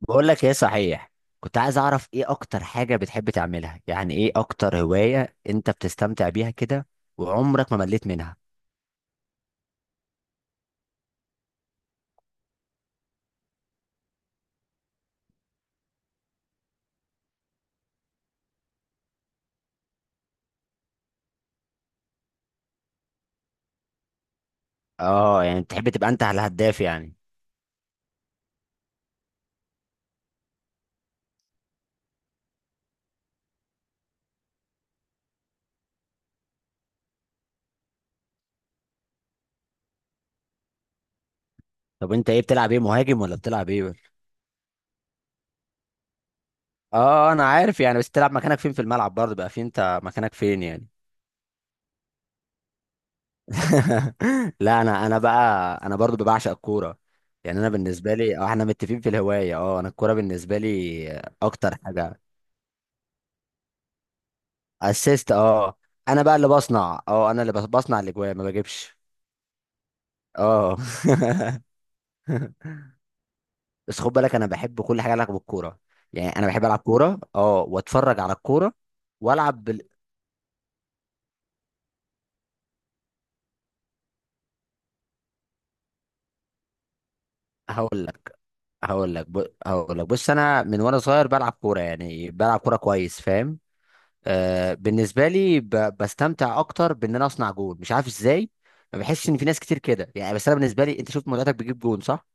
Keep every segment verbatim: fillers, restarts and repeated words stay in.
بقول لك ايه صحيح. كنت عايز اعرف ايه اكتر حاجة بتحب تعملها، يعني ايه اكتر هواية انت بتستمتع بيها كده، وعمرك ما مليت منها؟ اه، يعني بتحب تبقى انت على الهداف يعني. طب انت ايه بتلعب، ايه، مهاجم ولا بتلعب ايه ولا؟ اه انا عارف، يعني بس تلعب مكانك فين في الملعب، برضه بقى فين، انت مكانك فين يعني؟ لا انا انا بقى، انا برضه بعشق الكورة. يعني انا بالنسبة لي اه احنا متفقين في الهواية، اه انا الكورة بالنسبة لي اكتر حاجة. اسيست اه. انا بقى اللي بصنع، اه انا اللي بص- بصنع الاجوان، ما بجيبش اه. بس خد بالك انا بحب كل حاجه لها علاقه بالكوره. يعني انا بحب العب كوره، اه واتفرج على الكوره، والعب بال... هقول لك هقول لك ب... هقول لك، بص، انا من وانا صغير بلعب كوره، يعني بلعب كوره كويس، فاهم؟ آه، بالنسبه لي ب... بستمتع اكتر بان انا اصنع جول، مش عارف ازاي. ما بحسش ان في ناس كتير كده يعني، بس انا بالنسبه لي، انت شفت متعتك بتجيب جول، صح؟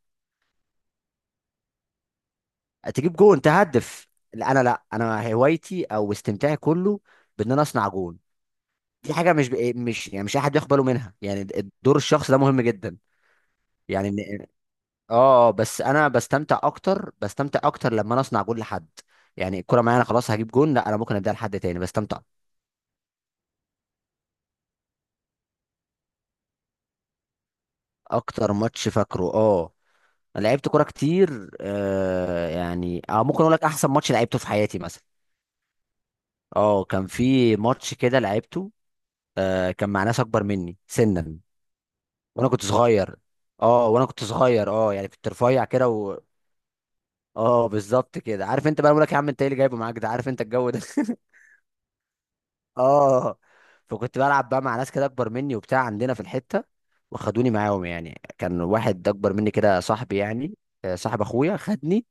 تجيب جون تهدف. لا انا لا انا هوايتي او استمتاعي كله بان انا اصنع جون. دي حاجه مش ب... إيه، مش يعني، مش احد بياخد باله منها يعني. دور الشخص ده مهم جدا. يعني إن- اه، بس انا بستمتع اكتر، بستمتع اكتر لما انا اصنع جون لحد. يعني الكره معايا، انا خلاص هجيب جون، لا انا ممكن اديها لحد تاني بستمتع. اكتر ماتش فاكره اه. انا لعبت كوره كتير، آه يعني، اه ممكن اقول لك احسن ماتش لعبته في حياتي مثلا. اه، كان في ماتش كده لعبته، آه، كان مع ناس اكبر مني سنا، وانا كنت صغير اه وانا كنت صغير. اه يعني، كنت رفيع كده و... اه، بالظبط كده. عارف انت بقى، بقول لك يا عم انت ايه اللي جايبه معاك ده، عارف انت الجو ده. اه. فكنت بلعب بقى مع ناس كده اكبر مني وبتاع عندنا في الحته، وخدوني معاهم. يعني كان واحد اكبر مني كده صاحبي يعني، آه، صاحب اخويا خدني،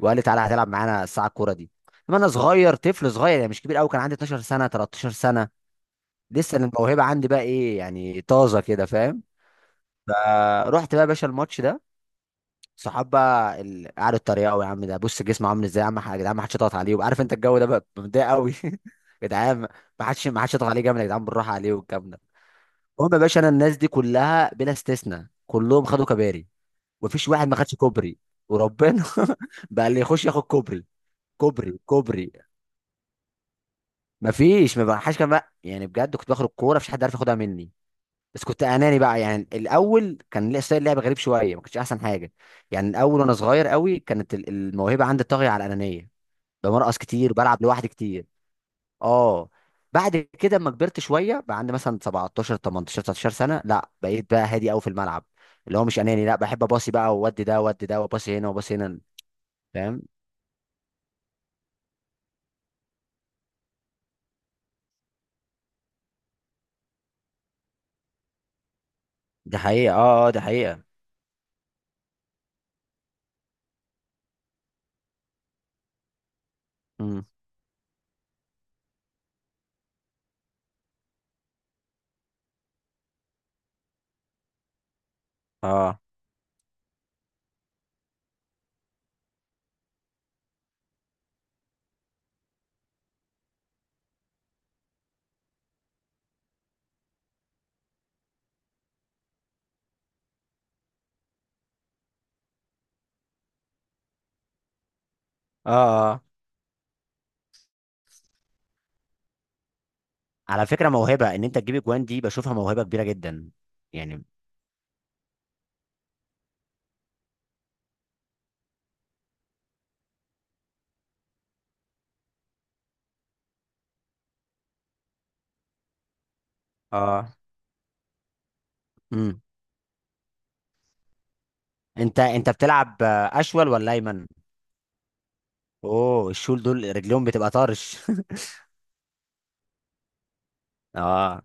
وقال لي تعالى هتلعب معانا الساعه الكوره دي، لما انا صغير، طفل صغير يعني، مش كبير قوي. كان عندي اتناشر سنه، تلتاشر سنه. لسه الموهبه عندي بقى ايه يعني، طازه كده، فاهم؟ فرحت بقى يا باشا الماتش ده. صحاب بقى ال- قعدوا اتريقوا، يا عم ده بص جسمه عامل ازاي، يا عم يا جدعان ما حدش يضغط عليه، وعارف انت الجو ده بقى، مضايق قوي. يا جدعان، ما حدش ما حدش يضغط عليه جامد، يا جدعان بالراحه عليه والكلام ده. المهم يا باشا، انا الناس دي كلها بلا استثناء كلهم خدوا كباري. مفيش واحد ما خدش كوبري، وربنا. بقى اللي يخش ياخد كوبري، كوبري، كوبري. مفيش، ما بقاش كمان يعني، بجد. كنت باخد الكوره، مفيش حد عارف ياخدها مني. بس كنت اناني بقى يعني الاول، كان ليه ستايل لعب غريب شويه، ما كانش احسن حاجه. يعني الاول وانا صغير قوي، كانت ال- الموهبه عندي طاغيه على الانانيه. بمرقص كتير، بلعب لوحدي كتير اه. بعد كده اما كبرت شويه، بقى عندي مثلا سبعة عشر، تمنتاشر، تسعة عشر سنه، لا بقيت بقى هادي قوي في الملعب، اللي هو مش اناني. لا بحب اباصي بقى، وودي ده ودي ده، وباصي هنا وباصي هنا، فاهم؟ دي حقيقة، اه، اه، دي حقيقة. امم، اه، اه، اه. على فكره، موهبه ان انت تجيب اجوان دي، بشوفها موهبه كبيره جدا يعني. اه، انت انت بتلعب آه، اشول ولا ايمن؟ اوه، الشول دول رجليهم بتبقى طرش. اه.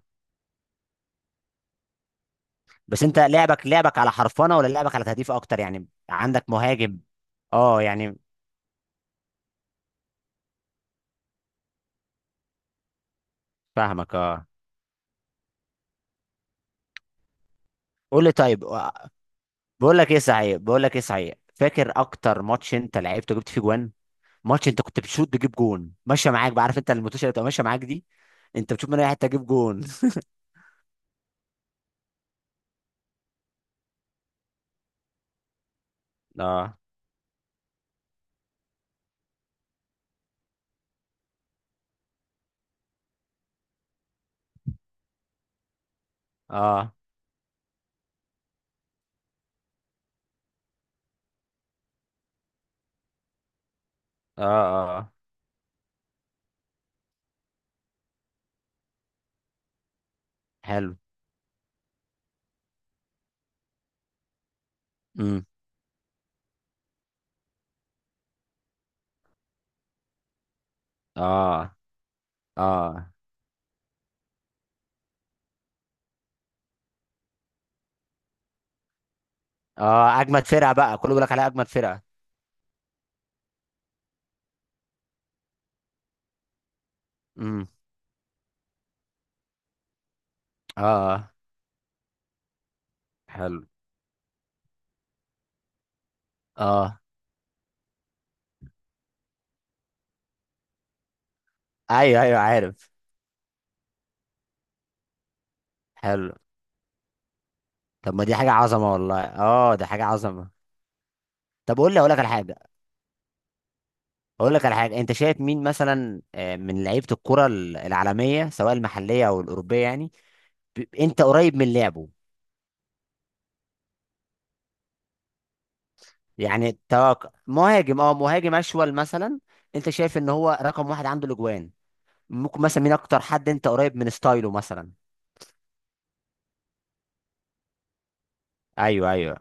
بس انت، لعبك لعبك على حرفنه ولا لعبك على تهديف اكتر، يعني عندك مهاجم؟ اه يعني، فاهمك اه. قول لي طيب، آه. بقول لك ايه صحيح، بقول لك ايه صحيح فاكر اكتر ماتش انت لعبته جبت فيه جوان؟ ماتش انت كنت بتشوط تجيب جون، ماشيه معاك بقى، عارف انت الموتوشه اللي بتبقى ماشيه معاك دي، انت بتشوف من اي حته تجيب جون. اه، اه، اه، اه. حلو. امم، اه، اه، اه. اجمد فرقه بقى، كله بيقول لك عليها اجمد فرقه. امم، اه، آه. حلو. اه، ايوه، ايوه عارف. حلو. طب ما دي حاجه عظمه والله، اه دي حاجه عظمه. طب قول لي، اقول لك على حاجه، اقول لك على حاجه انت شايف مين مثلا، آه، من لعيبه الكره ال- العالميه، سواء المحليه او الاوروبيه يعني، ب- انت قريب من لعبه. يعني توقع مهاجم، اه مهاجم اشول مثلا. انت شايف ان هو رقم واحد عنده الاجوان؟ ممكن مثلا مين اكتر حد انت قريب من ستايله مثلا؟ ايوه، ايوه.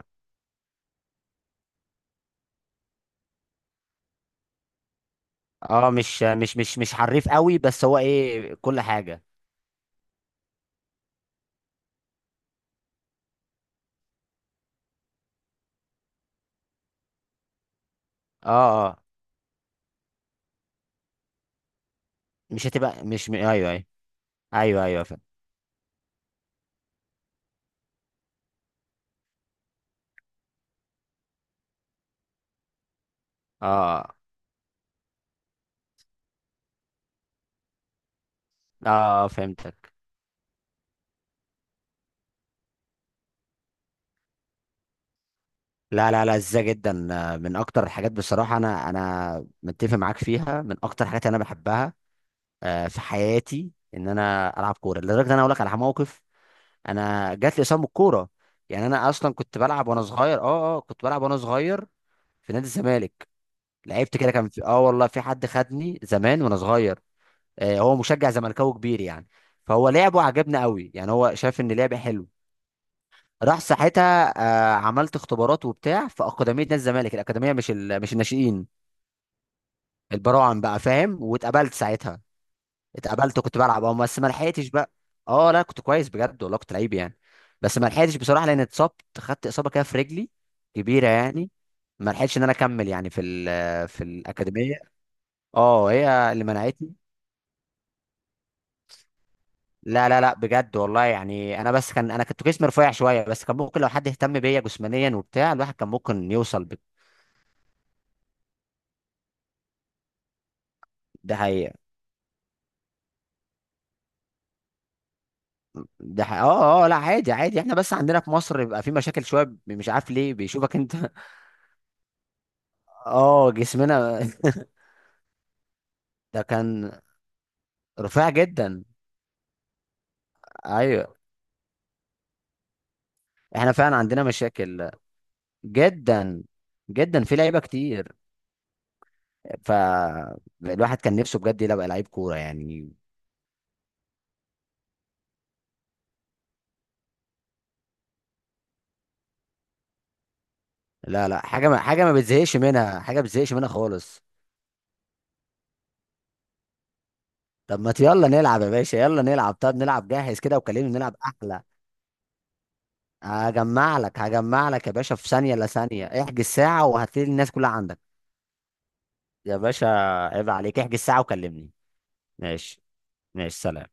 اه، مش مش مش مش حريف قوي، بس هو ايه كل حاجه. اه، اه، مش هتبقى مش م... ايوه، ايوه. ايوه، ايوه، فهمت. اه، اه، آه، فهمتك. لا، لا، لا، ازاي، جدا. آه، من اكتر الحاجات بصراحه، انا انا متفق معاك فيها، من اكتر الحاجات اللي انا بحبها. آه، في حياتي، ان انا العب كوره، لدرجه ان انا اقول لك على موقف. انا جات لي اصابه الكوره. يعني انا اصلا كنت بلعب وانا صغير اه اه كنت بلعب وانا صغير في نادي الزمالك. لعبت كده، كان في اه، والله في حد خدني زمان وانا صغير. آه، هو مشجع زملكاوي كبير يعني، فهو لعبه عجبنا قوي، يعني هو شاف ان لعبه حلو. راح ساعتها، آه، عملت اختبارات وبتاع في اكاديميه نادي الزمالك، الاكاديميه مش ال... مش الناشئين، البراعم بقى، فاهم، واتقبلت ساعتها. اتقبلت كنت بلعب اه، بس ما لحقتش بقى. اه، لا كنت كويس بجد والله، كنت لعيب يعني. بس ما لحقتش بصراحه، لان اتصبت، خدت اصابه كده في رجلي كبيره يعني. ما لحقتش ان انا اكمل يعني في ال... في الاكاديميه. اه، هي اللي منعتني. لا، لا، لا، بجد والله. يعني انا بس كان، انا كنت جسمي رفيع شويه، بس كان ممكن لو حد اهتم بيا جسمانيا وبتاع، الواحد كان ممكن يوصل بك. ده حقيقة. ده حقيقة. اه، اه، لا عادي عادي. احنا بس عندنا في مصر بيبقى في مشاكل شويه، ب- مش عارف ليه بيشوفك انت. اه جسمنا. ده كان رفيع جدا. ايوه. احنا فعلا عندنا مشاكل، جدا جدا، في لعيبه كتير. فالواحد كان نفسه بجد يبقى لعيب كوره يعني. لا، لا، حاجه ما حاجه ما بتزهقش منها، حاجه ما بتزهقش منها خالص. طب ما ت- يلا نلعب يا باشا، يلا نلعب طب نلعب جاهز كده وكلمني نلعب احلى. هجمع لك هجمع لك يا باشا في ثانية، لا ثانية، احجز ساعة وهتلاقي الناس كلها عندك. يا باشا، عيب عليك، احجز ساعة وكلمني. ماشي. ماشي، سلام.